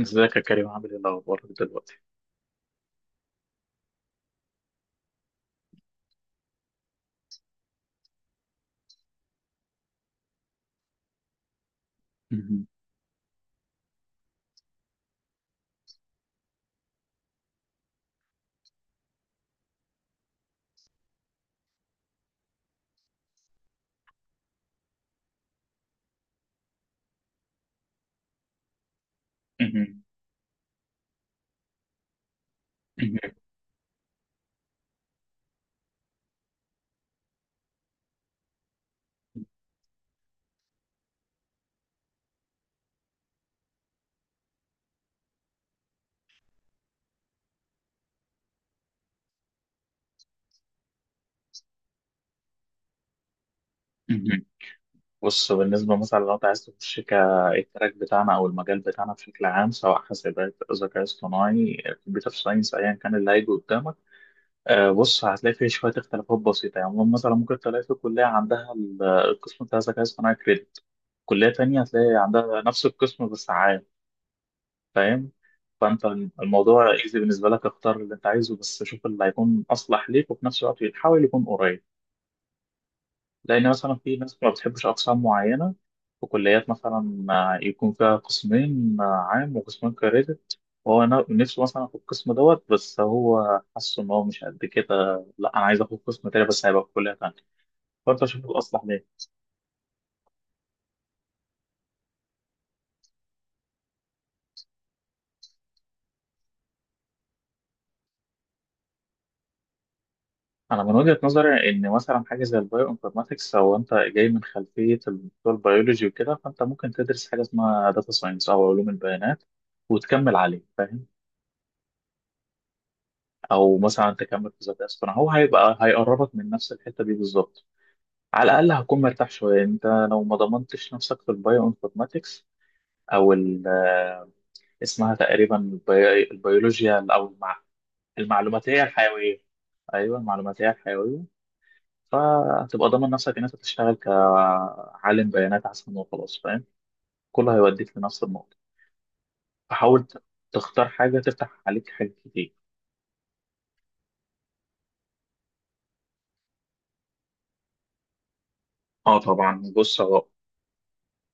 ازيك يا كريم؟ عامل ايه الاخبار دلوقتي؟ مهم. مهم. مهم. مهم. بص، بالنسبه مثلا لو انت عايز تخش كالتراك بتاعنا او المجال بتاعنا بشكل عام، سواء حاسبات ذكاء اصطناعي كمبيوتر ساينس ايا كان اللي هيجي قدامك. بص، هتلاقي فيه شويه اختلافات بسيطه، يعني مثلا ممكن تلاقي في كليه عندها القسم بتاع الذكاء الاصطناعي كريدت، كليه تانية هتلاقي عندها نفس القسم بس عام. فاهم؟ فانت الموضوع ايزي بالنسبه لك، اختار اللي انت عايزه، بس شوف اللي هيكون اصلح ليك وفي نفس الوقت حاول يكون قريب. لأن مثلا في ناس ما بتحبش أقسام معينة، في كليات مثلا يكون فيها قسمين، عام وقسمين كريدت. وهو نفسه مثلا في القسم دوت، بس هو حاسس إن هو مش قد كده، لا أنا عايز آخد قسم تاني بس هيبقى في كلية تانية. فأنت شوف الأصلح ليه. أنا من وجهة نظري إن مثلا حاجة زي البايو انفورماتكس، أو أنت جاي من خلفية الدكتور بيولوجي وكده، فأنت ممكن تدرس حاجة اسمها داتا ساينس أو علوم البيانات وتكمل عليه. فاهم؟ او مثلا تكمل في ذات اصطناعي، هو هيبقى هيقربك من نفس الحته دي بالظبط. على الاقل هتكون مرتاح شويه انت لو ما ضمنتش نفسك في البايو انفورماتكس، او اسمها تقريبا البيولوجيا او المعلوماتيه الحيويه. ايوه، المعلوماتيه الحيويه. فهتبقى ضامن نفسك ان انت تشتغل كعالم بيانات احسن وخلاص. فاهم؟ كله هيوديك لنفس النقطه. فحاول تختار حاجه تفتح عليك حاجات كتير. اه طبعا. بص، هو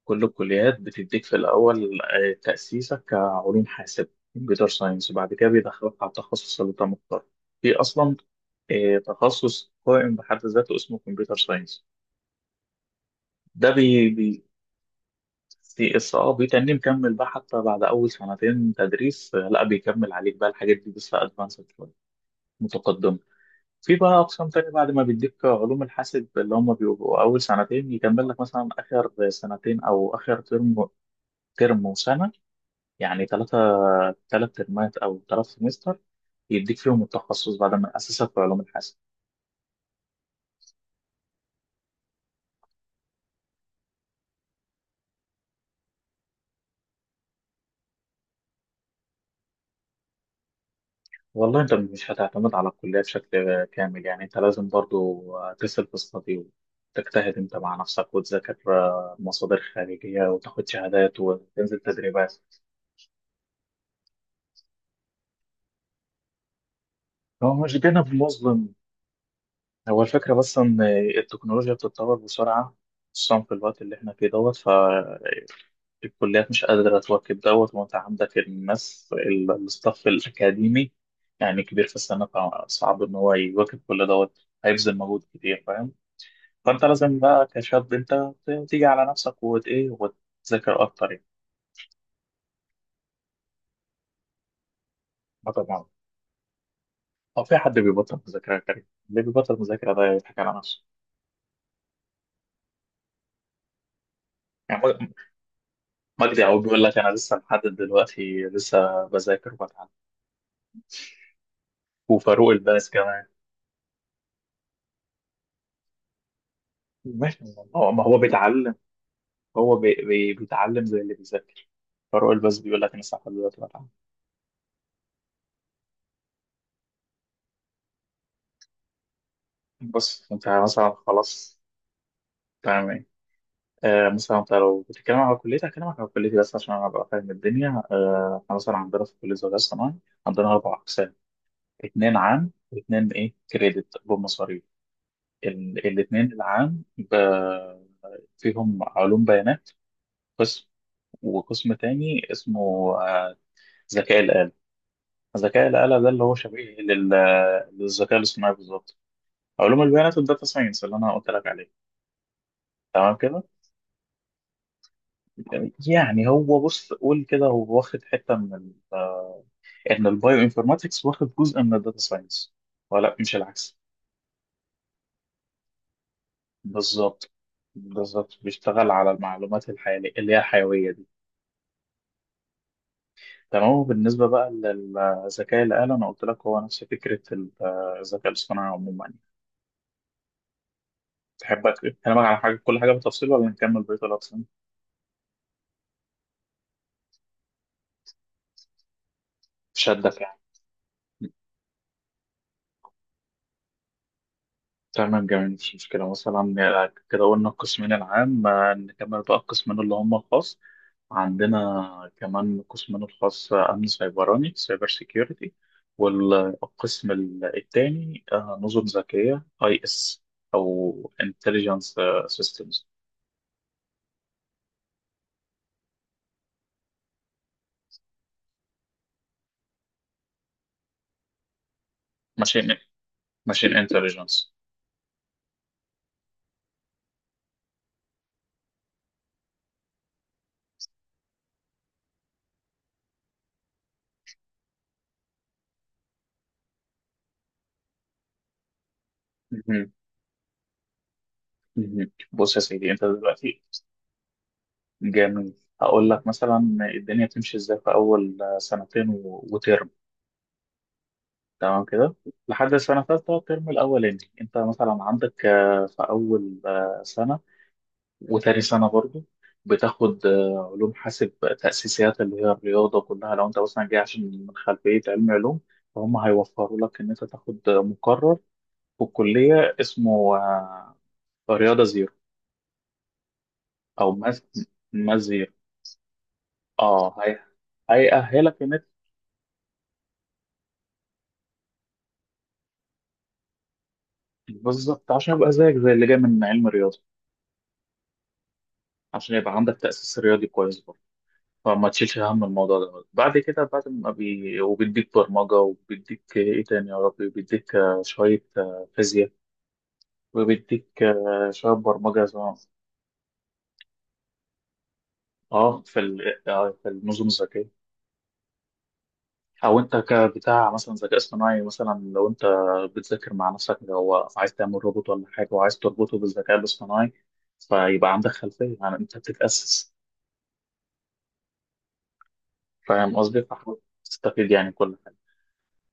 كل الكليات بتديك في الأول تأسيسك كعلوم حاسب كمبيوتر ساينس، وبعد كده بيدخلك على التخصص اللي أنت مختاره. في أصلا تخصص قائم بحد ذاته اسمه كمبيوتر ساينس، ده بي بي سي اس. اه، بيتني مكمل بقى حتى بعد أول سنتين تدريس، لا بيكمل عليك بقى الحاجات دي بس أدفانسد شوية، متقدمة. في بقى أقسام تانية بعد ما بيديك علوم الحاسب اللي هم بيبقوا أول سنتين، يكمل لك مثلا آخر سنتين أو آخر ترم، ترم وسنة، يعني ثلاث ترمات او ثلاث سمستر يديك فيهم التخصص بعد ما اسسك في علوم الحاسب. والله انت مش هتعتمد على الكليه بشكل كامل، يعني انت لازم برضو تسال في الصدي وتجتهد انت مع نفسك وتذاكر مصادر خارجيه وتاخد شهادات وتنزل تدريبات. هو مش جانب مظلم، هو الفكره بس ان التكنولوجيا بتتطور بسرعه، خصوصا في الوقت اللي احنا فيه دوت. الكليات مش قادرة تواكب دوت، وأنت عندك الناس الستاف الأكاديمي يعني كبير في السنة، فصعب إن هو يواكب كل دوت، هيبذل مجهود كتير. فاهم؟ فأنت لازم بقى كشاب أنت تيجي على نفسك وت إيه وتذاكر أكتر يعني. آه طبعا، هو في حد بيبطل مذاكرة يا كريم؟ اللي بيبطل مذاكرة ده يضحك على نفسه. يعني مجدي يعقوب بيقول لك أنا لسه لحد دلوقتي لسه بذاكر وبتعلم. وفاروق الباز كمان. ماشي، ما هو بيتعلم. هو بي بي بيتعلم زي اللي بيذاكر. فاروق الباز بيقول لك انا صح دلوقتي بتعلم. بص انت مثلا خلاص. تمام. ايه؟ مثلا انت لو بتتكلم على كليتك هكلمك على كليتي بس عشان انا ابقى فاهم الدنيا. احنا مثلا عندنا في كليه الذكاء الصناعي، عندنا اربع اقسام، اتنين عام واتنين ايه كريدت بمصاريف. الاتنين العام فيهم علوم بيانات، قسم، وقسم تاني اسمه آه، ذكاء الآلة. ذكاء الآلة ده اللي هو شبيه للذكاء الاصطناعي بالظبط. علوم البيانات والداتا ساينس اللي انا قلت لك عليه. تمام كده، يعني هو بص، قول كده، هو واخد حته من ان البايو انفورماتكس واخد جزء من الداتا ساينس، ولا مش العكس. بالظبط، بالظبط بيشتغل على المعلومات الحيوية اللي هي الحيويه دي. تمام. وبالنسبه بقى للذكاء الآلي، انا قلت لك هو نفس فكره الذكاء الاصطناعي عموما. تحب اكلمك على حاجه، كل حاجه بالتفصيل، ولا نكمل بقيه الأقسام؟ شدك يعني. تمام، جميل، مفيش مشكلة. مثلا كده قلنا القسمين العام، نكمل بقى القسمين اللي هم الخاص. عندنا كمان قسمين الخاص، أمن سيبراني سايبر سيكيورتي، والقسم التاني نظم ذكية أي إس أو انتليجنس سيستمز. ماشين ماشين انتليجنس. مهم. مهم. بص يا سيدي أنت دلوقتي. جميل. هقول لك مثلا الدنيا تمشي إزاي في أول سنتين وترم. تمام كده. لحد السنة الثالثة الترم الأولاني، أنت مثلا عندك في أول سنة وتاني سنة برضو بتاخد علوم حاسب، تأسيسيات اللي هي الرياضة كلها. لو أنت مثلا جاي عشان من خلفية علم علوم، فهم هيوفروا لك إن أنت تاخد مقرر في الكلية اسمه رياضة زيرو. أو ماس زيرو. أه، هي هيأهلك إن أنت بالظبط عشان يبقى زيك زي اللي جاي من علم الرياضة، عشان يبقى عندك تأسيس رياضي كويس. فما تشيلش هم الموضوع ده. بعد كده، بعد ما وبيديك برمجة، وبيديك إيه تاني يا ربي، بيديك شوية فيزياء، وبيديك شوية برمجة زي ما- اه في ال... آه، في النظم الذكية. أو أنت كبتاع مثلا ذكاء اصطناعي، مثلا لو أنت بتذاكر مع نفسك، لو عايز تعمل روبوت ولا حاجة وعايز تربطه بالذكاء الاصطناعي، فيبقى عندك خلفية، يعني أنت بتتأسس. فاهم قصدي؟ فحاول تستفيد يعني كل حاجة.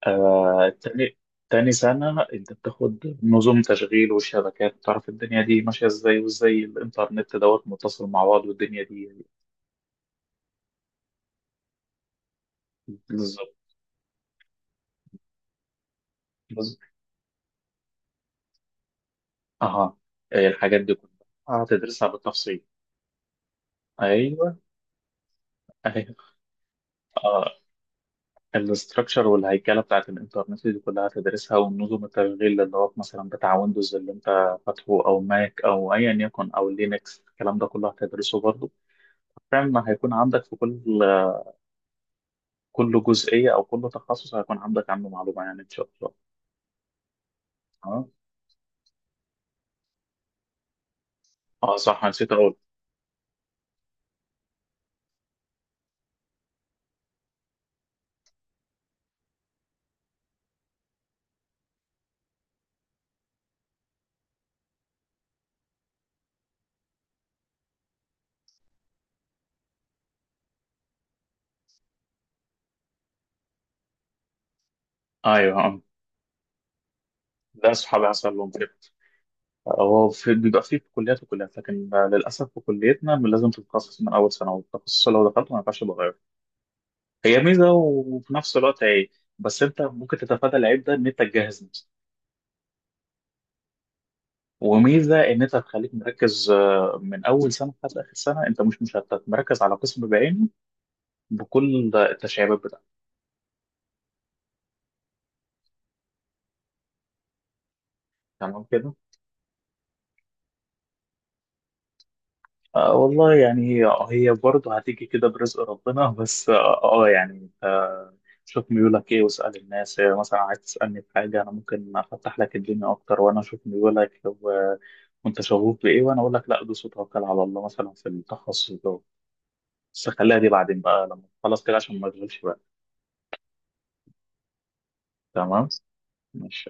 تاني، تاني سنة أنت بتاخد نظم تشغيل وشبكات، بتعرف الدنيا دي ماشية إزاي وإزاي الإنترنت دوت متصل مع بعض والدنيا دي بالظبط. بز- أها، الحاجات دي كلها هتدرسها بالتفصيل. أيوه أيوه، أه الاستراكشر والهيكلة بتاعت الإنترنت دي كلها هتدرسها، ونظم التشغيل اللي هو مثلا بتاع ويندوز اللي أنت فاتحه أو ماك أو أيا يكن أو لينكس، الكلام ده كله هتدرسه برضه. فعلا هيكون عندك في كل جزئية أو كل تخصص هيكون عندك عنه معلومة يعني إن شاء الله. اه صح نسيت أقول. أيوه ده أصحابي حصل لهم كده. هو في بيبقى فيه في كليات وكليات، لكن للأسف في كليتنا لازم تتخصص من أول سنة، والتخصص لو دخلته ما ينفعش تغيره. هي ميزة وفي نفس الوقت عيب. بس أنت ممكن تتفادى العيب ده إن أنت تجهز نفسك. وميزة إن أنت تخليك مركز من أول سنة لحد آخر سنة أنت مش مشتت، مركز على قسم بعينه بكل التشعيبات بتاعته. تمام كده. والله يعني هي برضه هتيجي كده برزق ربنا. بس يعني انت شوف ميولك ايه، واسأل الناس، مثلا عايز تسألني في حاجة انا ممكن افتح لك الدنيا اكتر وانا اشوف ميولك وانت شغوف بايه وانا اقول لك لا دوس وتوكل على الله مثلا في التخصص ده. بس خليها دي بعدين بقى لما خلاص كده عشان ما اشغلش بقى. تمام، ماشي.